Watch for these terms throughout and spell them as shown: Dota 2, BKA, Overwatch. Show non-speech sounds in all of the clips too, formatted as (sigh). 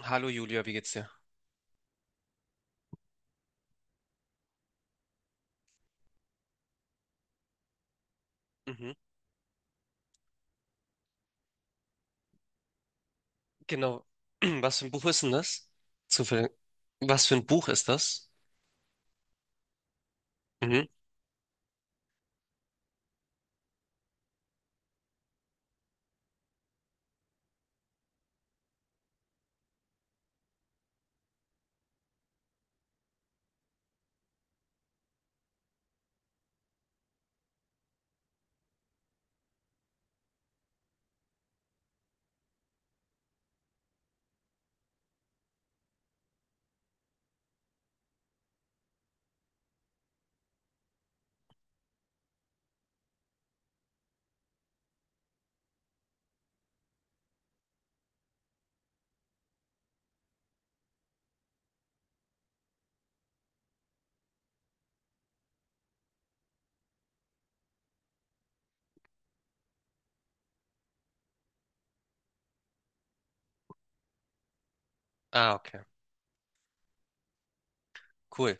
Hallo Julia, wie geht's dir? Mhm. Genau. (clears throat) Was für ein Buch ist denn das? Zufällig. Was für ein Buch ist das? Mhm. Ah, okay. Cool.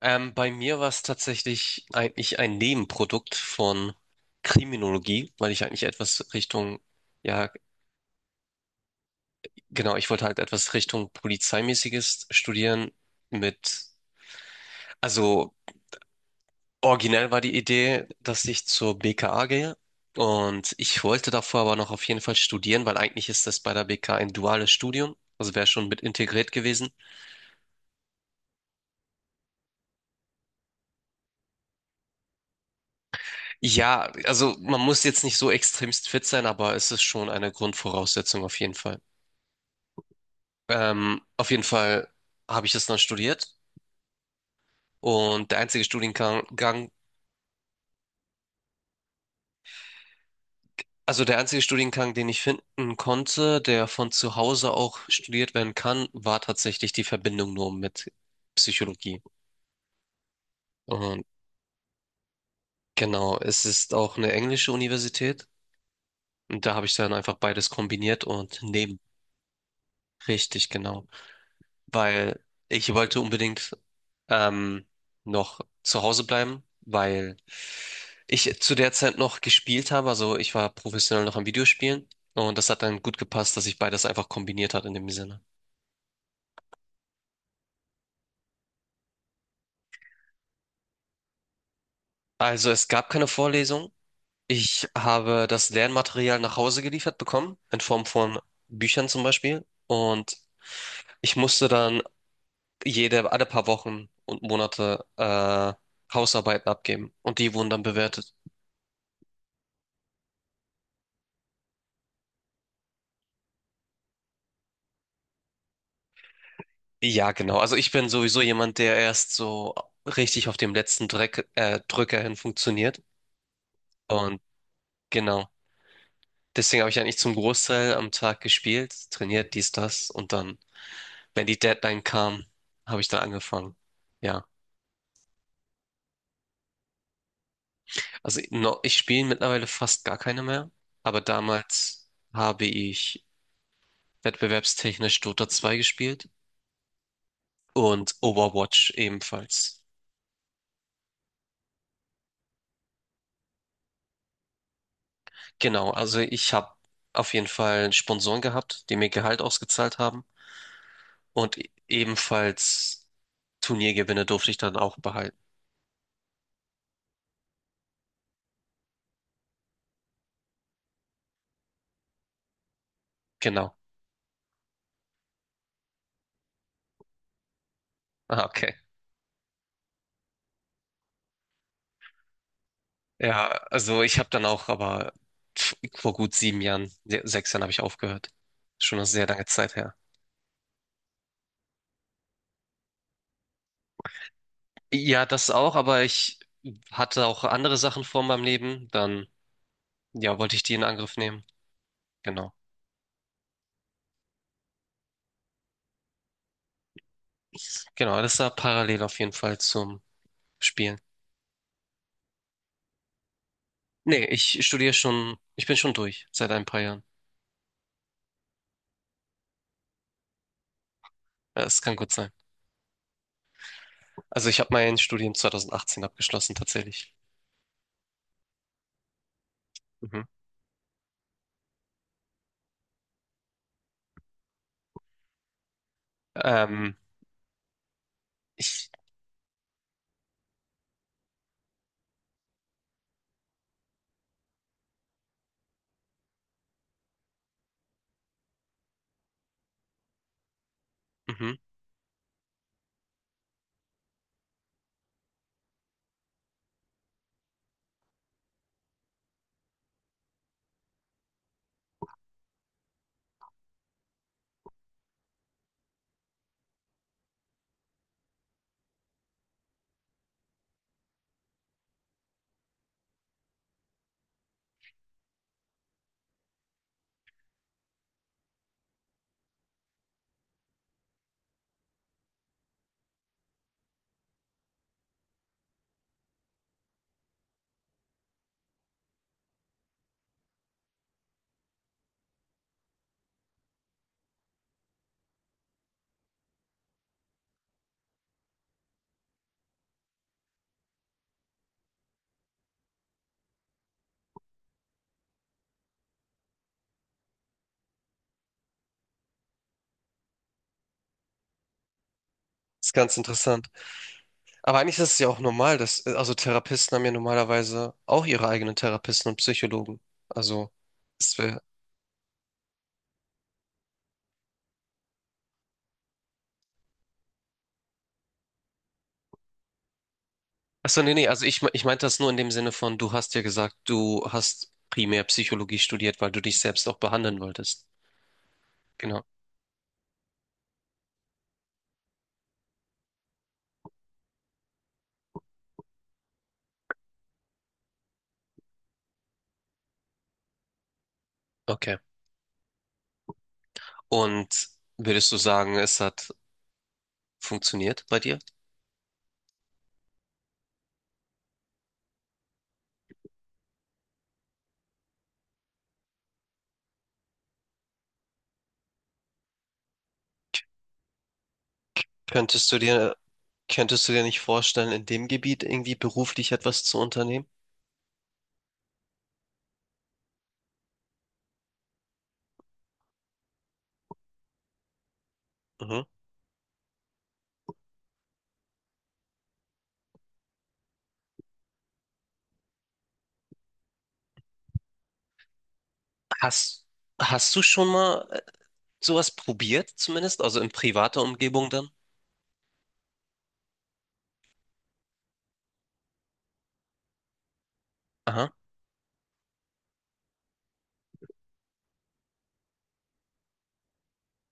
Bei mir war es tatsächlich eigentlich ein Nebenprodukt von Kriminologie, weil ich eigentlich etwas Richtung, ja, genau, ich wollte halt etwas Richtung Polizeimäßiges studieren mit, also originell war die Idee, dass ich zur BKA gehe, und ich wollte davor aber noch auf jeden Fall studieren, weil eigentlich ist das bei der BKA ein duales Studium, also wäre schon mit integriert gewesen. Ja, also man muss jetzt nicht so extremst fit sein, aber es ist schon eine Grundvoraussetzung auf jeden Fall. Auf jeden Fall habe ich das dann studiert, und der einzige Studiengang, den ich finden konnte, der von zu Hause auch studiert werden kann, war tatsächlich die Verbindung nur mit Psychologie. Und genau, es ist auch eine englische Universität. Und da habe ich dann einfach beides kombiniert und neben. Richtig, genau. Weil ich wollte unbedingt ähm, noch zu Hause bleiben, weil ich zu der Zeit noch gespielt habe. Also ich war professionell noch am Videospielen. Und das hat dann gut gepasst, dass ich beides einfach kombiniert hat in dem Sinne. Also es gab keine Vorlesung. Ich habe das Lernmaterial nach Hause geliefert bekommen, in Form von Büchern zum Beispiel. Und ich musste dann jede, alle paar Wochen und Monate Hausarbeiten abgeben. Und die wurden dann bewertet. Ja, genau. Also ich bin sowieso jemand, der erst so richtig auf dem letzten Drücker hin funktioniert. Und genau. Deswegen habe ich eigentlich zum Großteil am Tag gespielt, trainiert, dies, das. Und dann, wenn die Deadline kam, habe ich dann angefangen. Ja. Also no, ich spiele mittlerweile fast gar keine mehr, aber damals habe ich wettbewerbstechnisch Dota 2 gespielt und Overwatch ebenfalls. Genau, also ich habe auf jeden Fall Sponsoren gehabt, die mir Gehalt ausgezahlt haben und ebenfalls Turniergewinne durfte ich dann auch behalten. Genau. Ah, okay. Ja, also ich habe dann auch, aber vor gut 7 Jahren, 6 Jahren habe ich aufgehört. Schon eine sehr lange Zeit her. Ja, das auch, aber ich hatte auch andere Sachen vor meinem Leben. Dann, ja, wollte ich die in Angriff nehmen. Genau. Genau, das war parallel auf jeden Fall zum Spielen. Nee, ich studiere schon, ich bin schon durch seit ein paar Jahren. Ja, es kann gut sein. Also ich habe mein Studium 2018 abgeschlossen, tatsächlich. Mhm. Ähm, ich, mhm. Ist ganz interessant. Aber eigentlich ist es ja auch normal, dass, also Therapisten haben ja normalerweise auch ihre eigenen Therapisten und Psychologen. Also, es wär-. Achso, nee, nee, also ich, ich meinte das nur in dem Sinne von, du hast ja gesagt, du hast primär Psychologie studiert, weil du dich selbst auch behandeln wolltest. Genau. Okay. Und würdest du sagen, es hat funktioniert bei dir? Könntest du dir, könntest du dir nicht vorstellen, in dem Gebiet irgendwie beruflich etwas zu unternehmen? Mhm. Hast, hast du schon mal sowas probiert, zumindest? Also in privater Umgebung dann? Aha.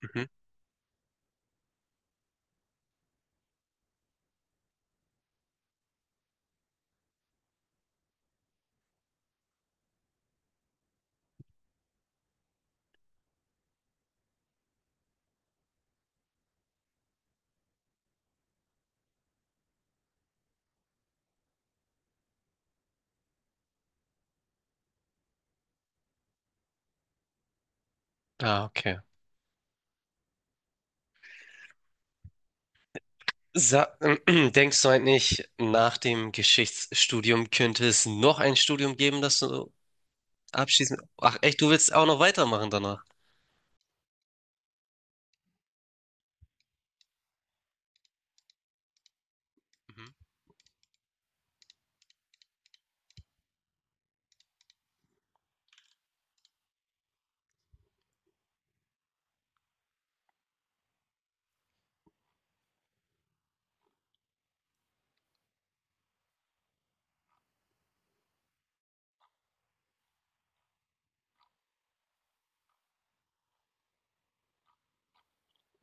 Mhm. Ah, okay. Sa (clears throat) Denkst du eigentlich, nach dem Geschichtsstudium könnte es noch ein Studium geben, das du abschließen? Ach echt, du willst auch noch weitermachen danach? Mhm.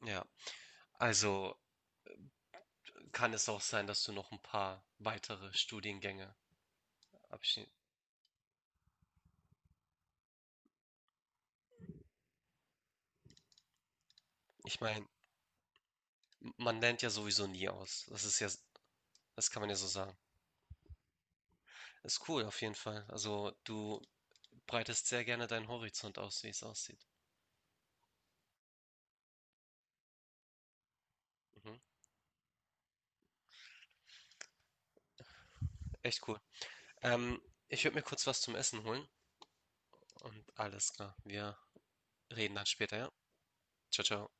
Ja, also kann es auch sein, dass du noch ein paar weitere Studiengänge abschließt. Ich meine, man lernt ja sowieso nie aus. Das ist ja, das kann man ja so sagen. Ist cool auf jeden Fall. Also du breitest sehr gerne deinen Horizont aus, wie es aussieht. Mhm. Echt cool. Ähm, Ich würde mir kurz was zum Essen holen und alles klar. Wir reden dann später, ja. Ciao, ciao.